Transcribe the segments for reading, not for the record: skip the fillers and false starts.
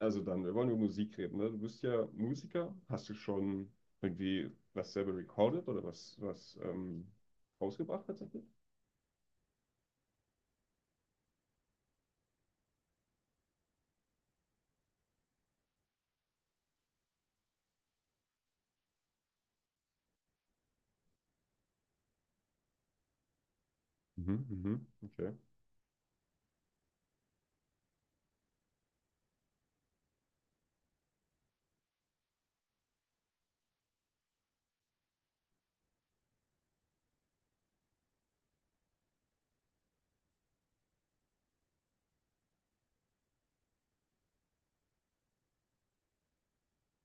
Also dann, wir wollen über Musik reden, ne? Du bist ja Musiker. Hast du schon irgendwie was selber recorded oder was, rausgebracht tatsächlich? Mhm, mhm, okay.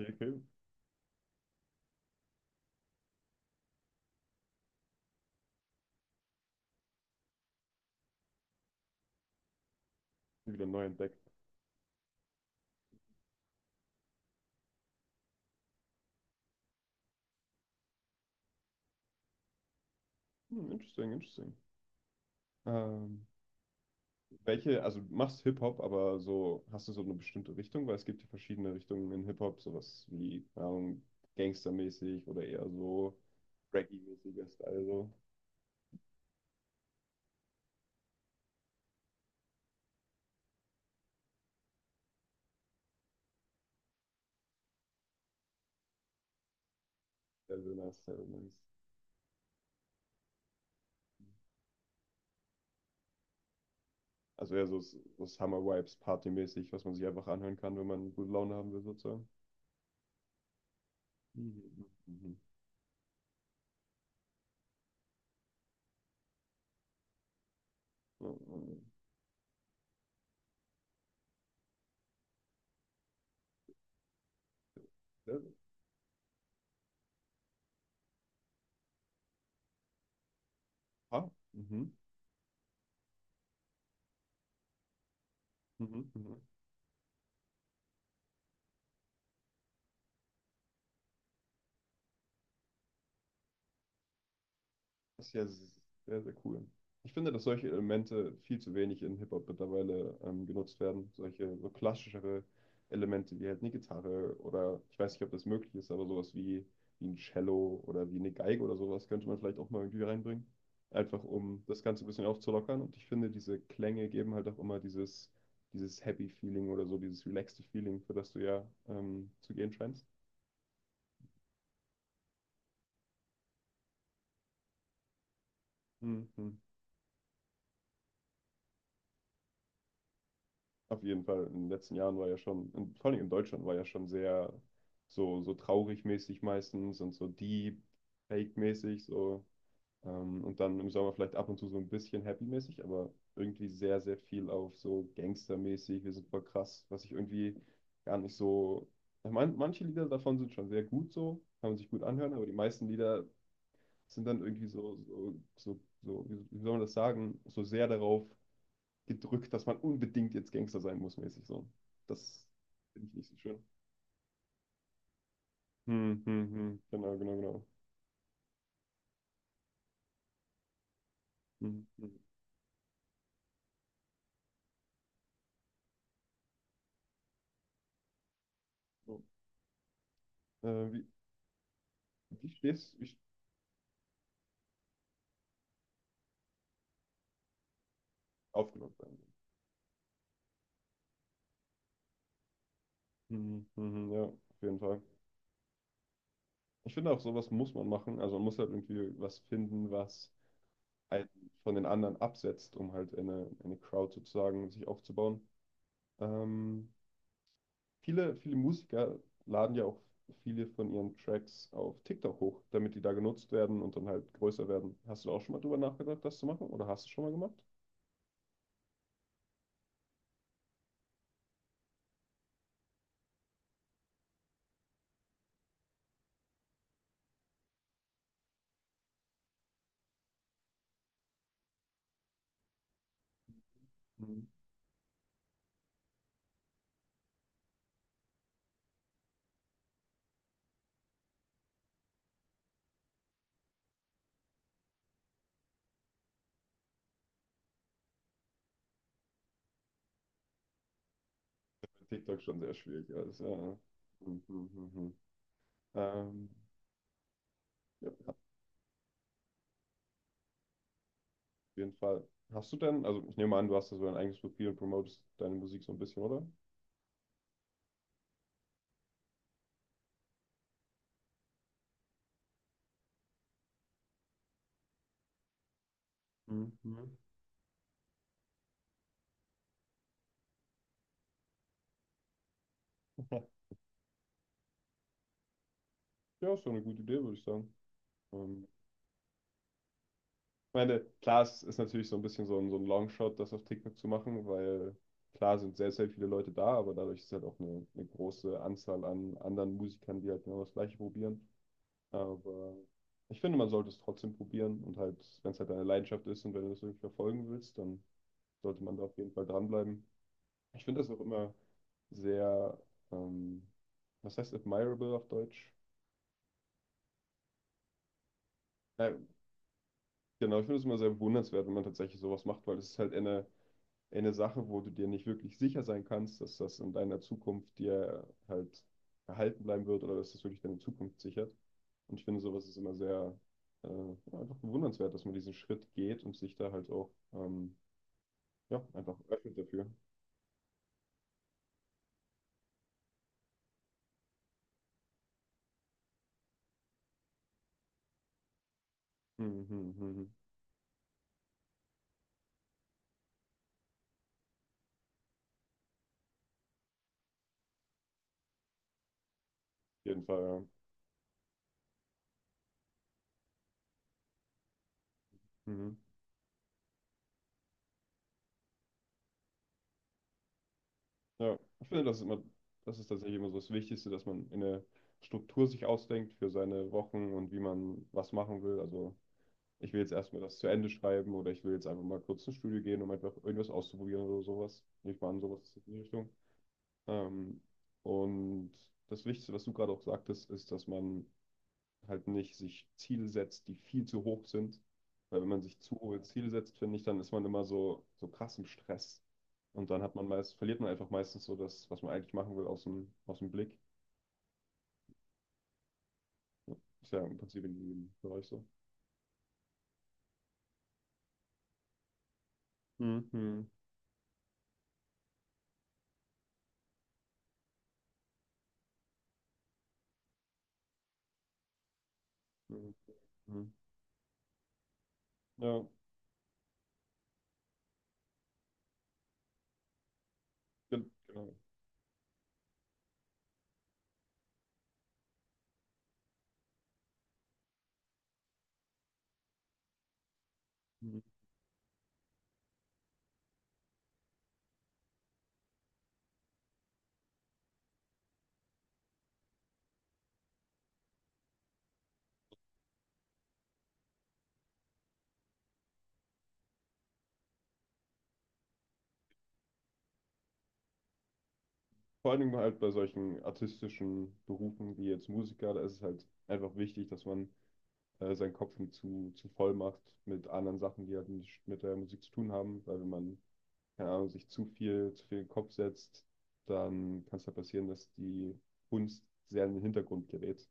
Okay, okay. Wieder neu entdeckt. Hm, interesting, interesting. Ähm, welche, also du machst Hip-Hop, aber so, hast du so eine bestimmte Richtung? Weil es gibt ja verschiedene Richtungen in Hip-Hop, sowas wie, keine Ahnung, gangstermäßig oder eher so Reggae-mäßiger Style, so. Sehr nice, sehr nice. Also eher so, so Summer-Vibes, partymäßig, was man sich einfach anhören kann, wenn man gute Laune haben will, sozusagen. Mhm. Mhm. Mhm. Ja, ja, ja. Ah, mhm. Mhm. Mhm. Das ist ja sehr, sehr cool. Ich finde, dass solche Elemente viel zu wenig in Hip-Hop mittlerweile genutzt werden. Solche so klassischere Elemente wie halt eine Gitarre oder ich weiß nicht, ob das möglich ist, aber sowas wie, wie ein Cello oder wie eine Geige oder sowas könnte man vielleicht auch mal irgendwie reinbringen. Einfach um das Ganze ein bisschen aufzulockern. Und ich finde, diese Klänge geben halt auch immer dieses, dieses Happy Feeling oder so, dieses relaxte Feeling, für das du ja zu gehen scheinst. Mhm. Auf jeden Fall. In den letzten Jahren war ja schon, in, vor allem in Deutschland war ja schon sehr so, so traurig mäßig meistens und so deep, fake mäßig so. Und dann im Sommer vielleicht ab und zu so ein bisschen happy mäßig, aber irgendwie sehr, sehr viel auf so Gangster-mäßig. Wir sind voll krass, was ich irgendwie gar nicht so. Ich mein, manche Lieder davon sind schon sehr gut so, kann man sich gut anhören, aber die meisten Lieder sind dann irgendwie so, so, so, so wie, wie soll man das sagen, so sehr darauf gedrückt, dass man unbedingt jetzt Gangster sein muss, mäßig so. Das finde ich nicht so schön. Hm, hm, hm. Genau, genau, genau. Hm, hm. So. Wie, wie stehst du aufgenommen sein? Mhm, mhm, ja, auf jeden Fall. Ich finde auch, sowas muss man machen. Also man muss halt irgendwie was finden, was einen von den anderen absetzt, um halt eine Crowd sozusagen sich aufzubauen. Ähm, Viele, viele Musiker laden ja auch viele von ihren Tracks auf TikTok hoch, damit die da genutzt werden und dann halt größer werden. Hast du da auch schon mal drüber nachgedacht, das zu machen? Oder hast du schon mal gemacht? Mhm. TikTok schon sehr schwierig alles, ja. Mhm, mhm, mhm. Ähm, ja, auf jeden Fall. Hast du denn, also ich nehme an, du hast da so ein eigenes Profil und promotest deine Musik so ein bisschen, oder? Mhm. Ja, ist doch eine gute Idee, würde ich sagen. Ähm, Ich meine, klar, es ist natürlich so ein bisschen so ein Longshot, das auf TikTok zu machen, weil klar sind sehr, sehr viele Leute da, aber dadurch ist halt auch eine große Anzahl an anderen Musikern, die halt genau das Gleiche probieren. Aber ich finde, man sollte es trotzdem probieren und halt, wenn es halt deine Leidenschaft ist und wenn du das wirklich verfolgen willst, dann sollte man da auf jeden Fall dranbleiben. Ich finde das auch immer sehr, ähm, was heißt admirable auf Deutsch? Ja, genau, ich finde es immer sehr bewundernswert, wenn man tatsächlich sowas macht, weil es ist halt eine Sache, wo du dir nicht wirklich sicher sein kannst, dass das in deiner Zukunft dir halt erhalten bleiben wird oder dass das wirklich deine Zukunft sichert. Und ich finde, sowas ist immer sehr ja, einfach bewundernswert, dass man diesen Schritt geht und sich da halt auch ja, einfach öffnet dafür. Mhm, mhm, mhm. Auf jeden Fall, ja. Mhm. Ja, ich finde, das ist immer, das ist tatsächlich immer so das Wichtigste, dass man eine Struktur sich ausdenkt für seine Wochen und wie man was machen will. Also ich will jetzt erstmal das zu Ende schreiben oder ich will jetzt einfach mal kurz ins Studio gehen, um einfach irgendwas auszuprobieren oder sowas. Ich war an sowas in die Richtung. Ähm, und das Wichtigste, was du gerade auch sagtest, ist, dass man halt nicht sich Ziele setzt, die viel zu hoch sind. Weil wenn man sich zu hohe Ziele setzt, finde ich, dann ist man immer so, so krass im Stress. Und dann hat man meist, verliert man einfach meistens so das, was man eigentlich machen will, aus dem Blick. Ist ja im Prinzip in jedem Bereich so. Mhm. Mhm. Mhm. Ja, genau. Vor allen Dingen halt bei solchen artistischen Berufen wie jetzt Musiker, da ist es halt einfach wichtig, dass man seinen Kopf nicht zu voll macht mit anderen Sachen, die halt nicht mit der Musik zu tun haben, weil wenn man, keine Ahnung, sich zu viel in den Kopf setzt, dann kann es halt passieren, dass die Kunst sehr in den Hintergrund gerät.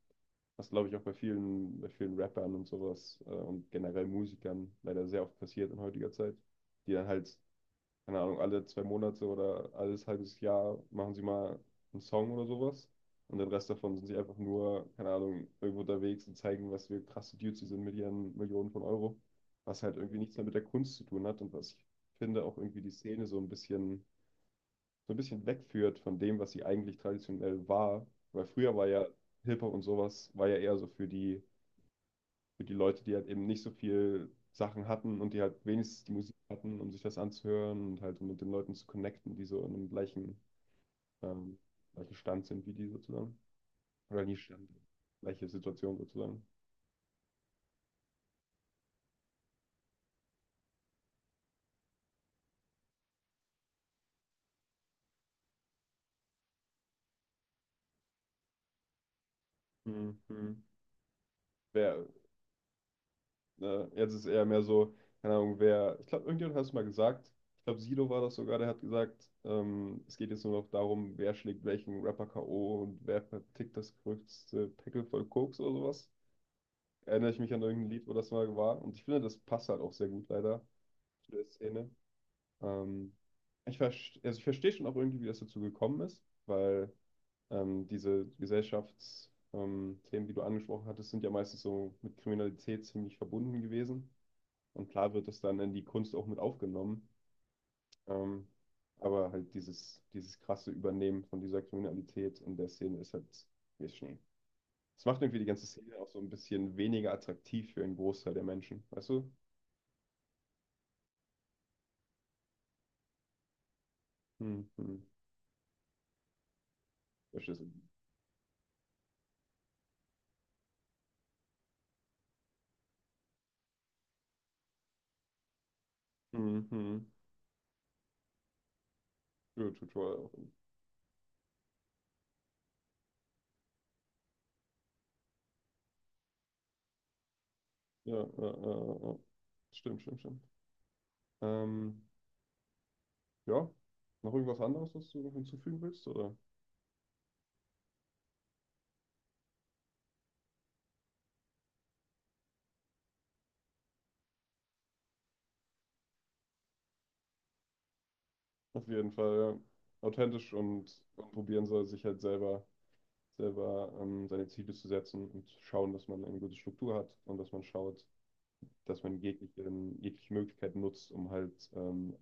Was glaube ich auch bei vielen Rappern und sowas und generell Musikern leider sehr oft passiert in heutiger Zeit, die dann halt keine Ahnung, alle zwei Monate oder alles halbes Jahr machen sie mal einen Song oder sowas. Und den Rest davon sind sie einfach nur, keine Ahnung, irgendwo unterwegs und zeigen, was für krasse Dudes sie sind mit ihren Millionen von Euro. Was halt irgendwie nichts mehr mit der Kunst zu tun hat und was ich finde auch irgendwie die Szene so ein bisschen wegführt von dem, was sie eigentlich traditionell war. Weil früher war ja Hip-Hop und sowas, war ja eher so für die Leute, die halt eben nicht so viel Sachen hatten und die halt wenigstens die Musik hatten, um sich das anzuhören und halt um mit den Leuten zu connecten, die so in einem gleichen, ähm, gleichen Stand sind wie die sozusagen. Oder nicht Stand, gleiche Situation sozusagen. Mhm. Wer, Jetzt ist eher mehr so, keine Ahnung, wer, ich glaube, irgendjemand hat es mal gesagt, ich glaube, Sido war das sogar, der hat gesagt, es geht jetzt nur noch darum, wer schlägt welchen Rapper K.O. und wer vertickt das größte Pickel voll Koks oder sowas. Erinnere ich mich an irgendein Lied, wo das mal war. Und ich finde, das passt halt auch sehr gut leider zu der Szene. Ähm, ich verstehe, also ich verstehe schon auch irgendwie, wie das dazu gekommen ist, weil diese Gesellschaftsthemen, Themen, die du angesprochen hattest, sind ja meistens so mit Kriminalität ziemlich verbunden gewesen. Und klar wird das dann in die Kunst auch mit aufgenommen. Ähm, aber halt dieses krasse Übernehmen von dieser Kriminalität in der Szene ist halt ein bisschen. Es macht irgendwie die ganze Szene auch so ein bisschen weniger attraktiv für einen Großteil der Menschen, weißt du? Hm, hm. Verstehst du? Mhm. Ja, Tutorial auch. Ja, ja, ja, ja. Stimmt, stimmt, stimmt. Ähm, ja, noch irgendwas anderes, was du noch hinzufügen willst, oder? Auf jeden Fall, ja. Authentisch und probieren soll, selber seine Ziele zu setzen und schauen, dass man eine gute Struktur hat und dass man schaut, dass man jegliche Möglichkeit nutzt, um halt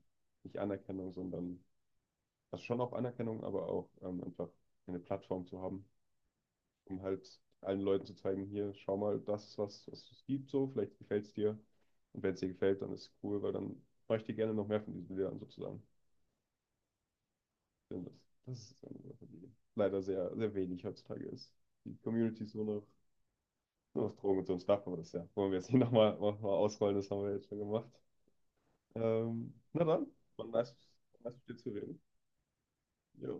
nicht Anerkennung, sondern, also schon auch Anerkennung, aber auch einfach eine Plattform zu haben, um halt allen Leuten zu zeigen, hier, schau mal, das ist was, was es gibt, so, vielleicht gefällt es dir. Und wenn es dir gefällt, dann ist es cool, weil dann mache ich dir gerne noch mehr von diesen Bildern sozusagen. Denn das ist eine Sache, die leider sehr, sehr wenig heutzutage ist. Die Community ist nur noch Drogen und so ein Stuff, aber das ja, wollen wir jetzt nicht noch mal ausrollen, das haben wir jetzt schon gemacht. Na dann, war nice, nice mit dir zu reden. Ja.